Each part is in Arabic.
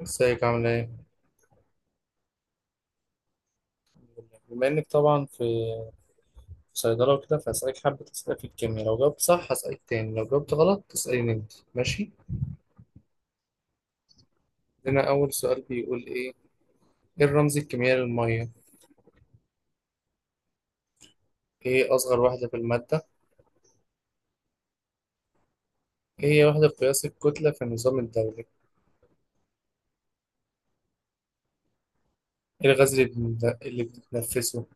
ازيك عامل ايه؟ بما انك طبعا في صيدلة وكده، فهسألك حبة أسئلة في الكيمياء، لو جاوبت صح هسألك تاني، لو جاوبت غلط تسأليني انت. ماشي؟ هنا أول سؤال بيقول ايه؟ ايه الرمز الكيميائي للمية؟ ايه أصغر وحدة في المادة؟ ايه هي وحدة قياس الكتلة في النظام الدولي؟ ايه الغاز اللي اللي بنتنفسه؟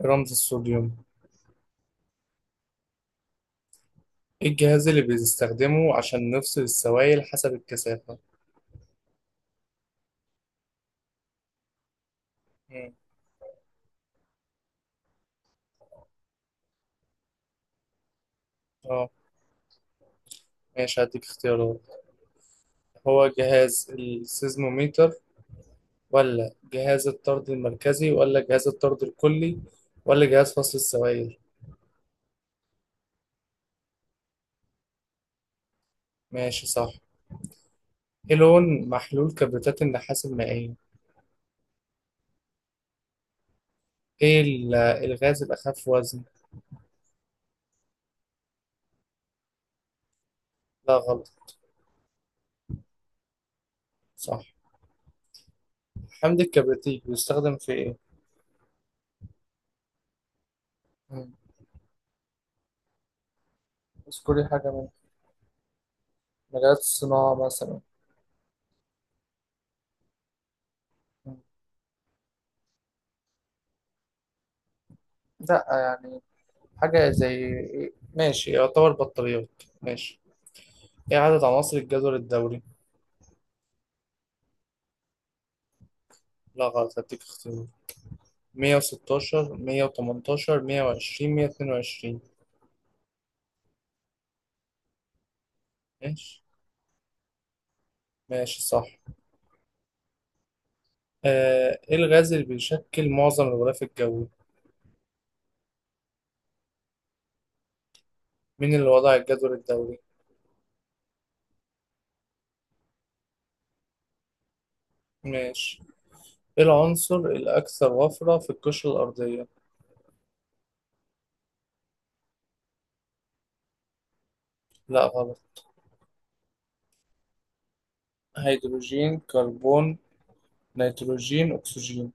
ايه رمز الصوديوم؟ ايه الجهاز اللي بنستخدمه عشان نفصل السوائل حسب الكثافة؟ مم. اه، ماشي هديك اختيارات. هو جهاز السيزموميتر، ولا جهاز الطرد المركزي، ولا جهاز الطرد الكلي، ولا جهاز فصل السوائل؟ ماشي، صح. ايه لون محلول كبريتات النحاس المائية؟ ايه الغاز الأخف وزن؟ لا، غلط. صح. حمض الكبريتيك بيستخدم في ايه؟ مم. اذكري حاجة من مجالات الصناعة مثلا. مم. لا، يعني حاجة زي إيه؟ ماشي، يعتبر بطاريات. ماشي. ايه عدد عناصر الجدول الدوري؟ لا، غلط. هديك اختيار: 116، 118، 120، 122. ماشي. ماشي، صح. ايه الغاز اللي بيشكل معظم الغلاف الجوي؟ مين اللي وضع الجدول الدوري؟ ماشي. ايه العنصر الاكثر وفرة في القشرة الارضية؟ لا، غلط. هيدروجين، كربون، نيتروجين، اكسجين.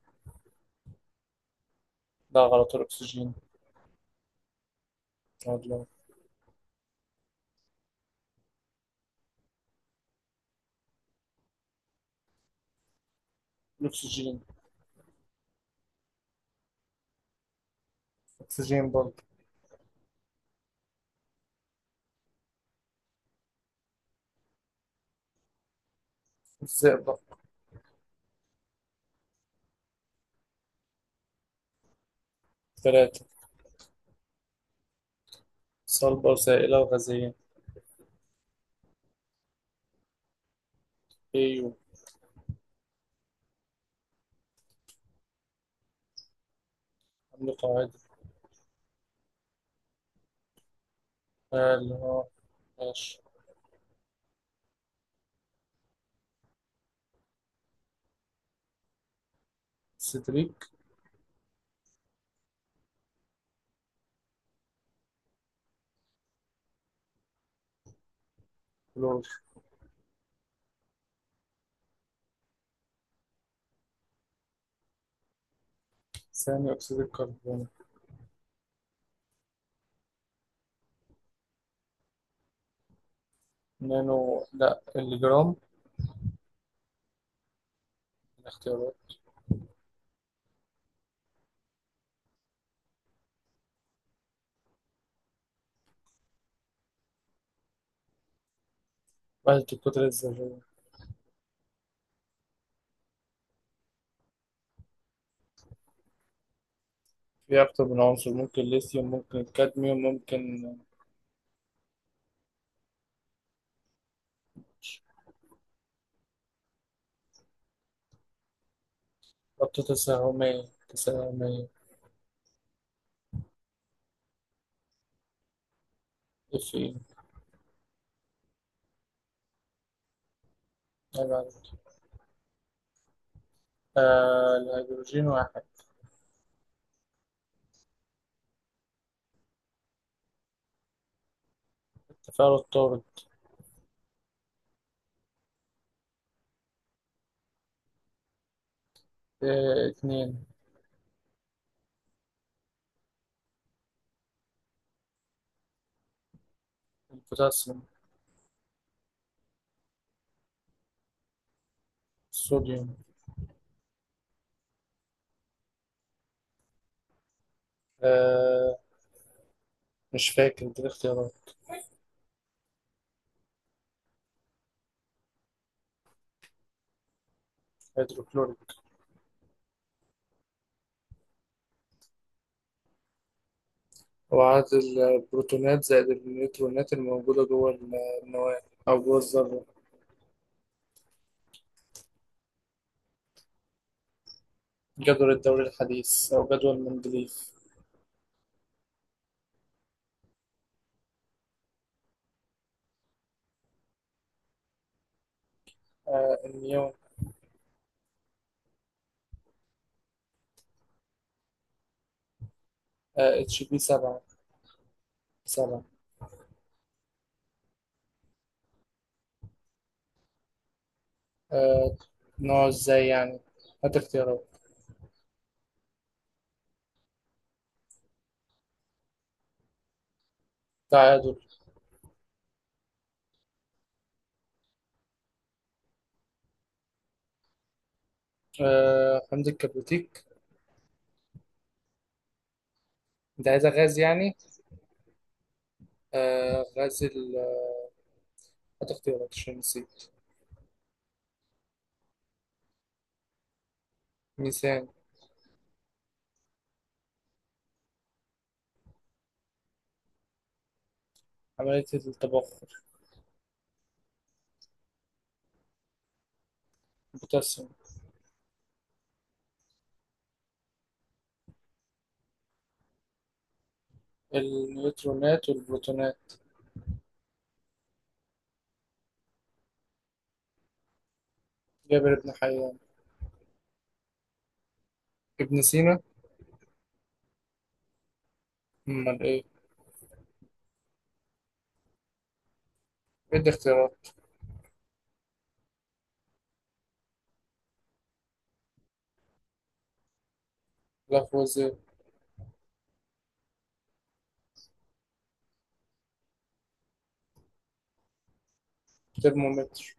لا، غلط، الاكسجين. والله. الاكسجين. اكسجين برضه. الزئبق. ثلاثة. صلبة وسائلة وغازية. ايوه. عندي قاعدة. اللي هو. ماشي. سيتريك. كلور. ثاني أكسيد الكربون. نانو، لا الجرام. الاختيارات. وحدة الكتلة الذرية. في أكتر من عنصر، ممكن ليثيوم، ممكن الكادميوم، ممكن. ربطة تساهمية تساهمية. اف اي. عيب عليك. الهيدروجين واحد. التفاعل الطارد. اتنين. البوتاسيوم. الصوديوم. آه مش فاكر، دي الاختيارات. هيدروكلوريك. هو عدد البروتونات زائد النيوترونات الموجودة جوه النواة، أو جوه الذرة. جدول الدوري الحديث، أو جدول مندليف. النيون. pH 7. 7. آه نوع ازاي يعني؟ هات اختيارات. تعادل. حمض الكبريتيك. انت عايزها غاز يعني. غاز هات اختيارات عشان نسيت. ميثان. عملية التبخر. البوتاسيوم. النيوترونات والبروتونات. جابر بن حيان. ابن سينا. امال ايه؟ ادي اختيارات. لافوازير. ترمومتر.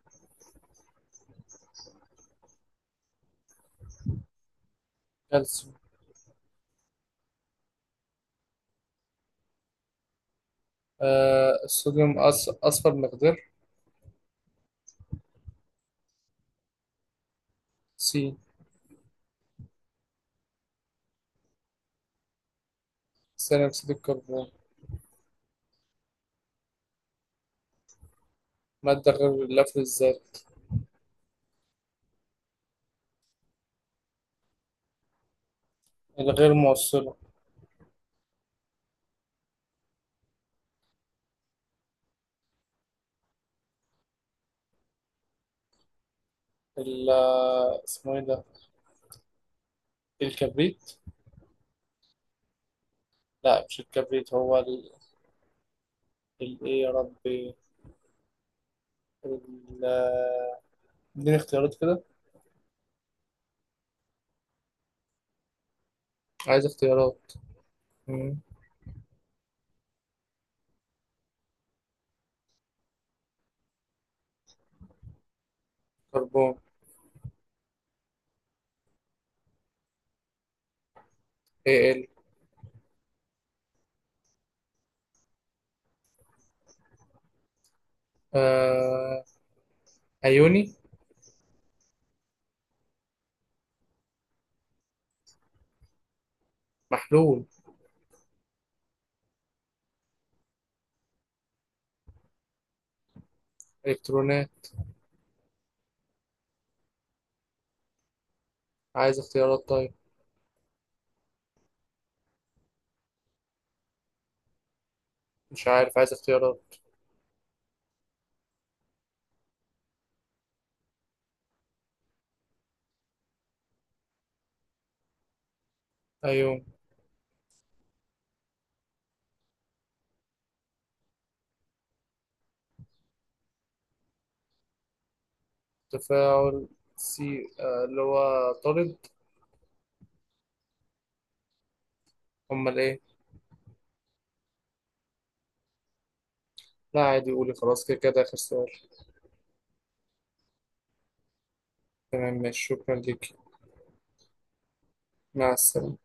كالسيوم. الصوديوم، اصفر مقدار. سي. ثاني اكسيد الكربون. مادة غير اللفظ الذري. الغير موصلة. ال- اسمه ايه ده؟ الكبريت. لا، مش الكبريت، هو ايه يا ربي. ال- اديني اختيارات كده. عايز اختيارات. مم. كربون. اي ال. آه... ايوني. محلول. الكترونات. عايز اختيارات طيب. مش عارف، عايز اختيارات. ايون. تفاعل سي اللي هو طارد. امال ايه؟ لا، عادي قولي خلاص، كده كده اخر سؤال. تمام، ماشي، شكرا ليك. مع السلامة.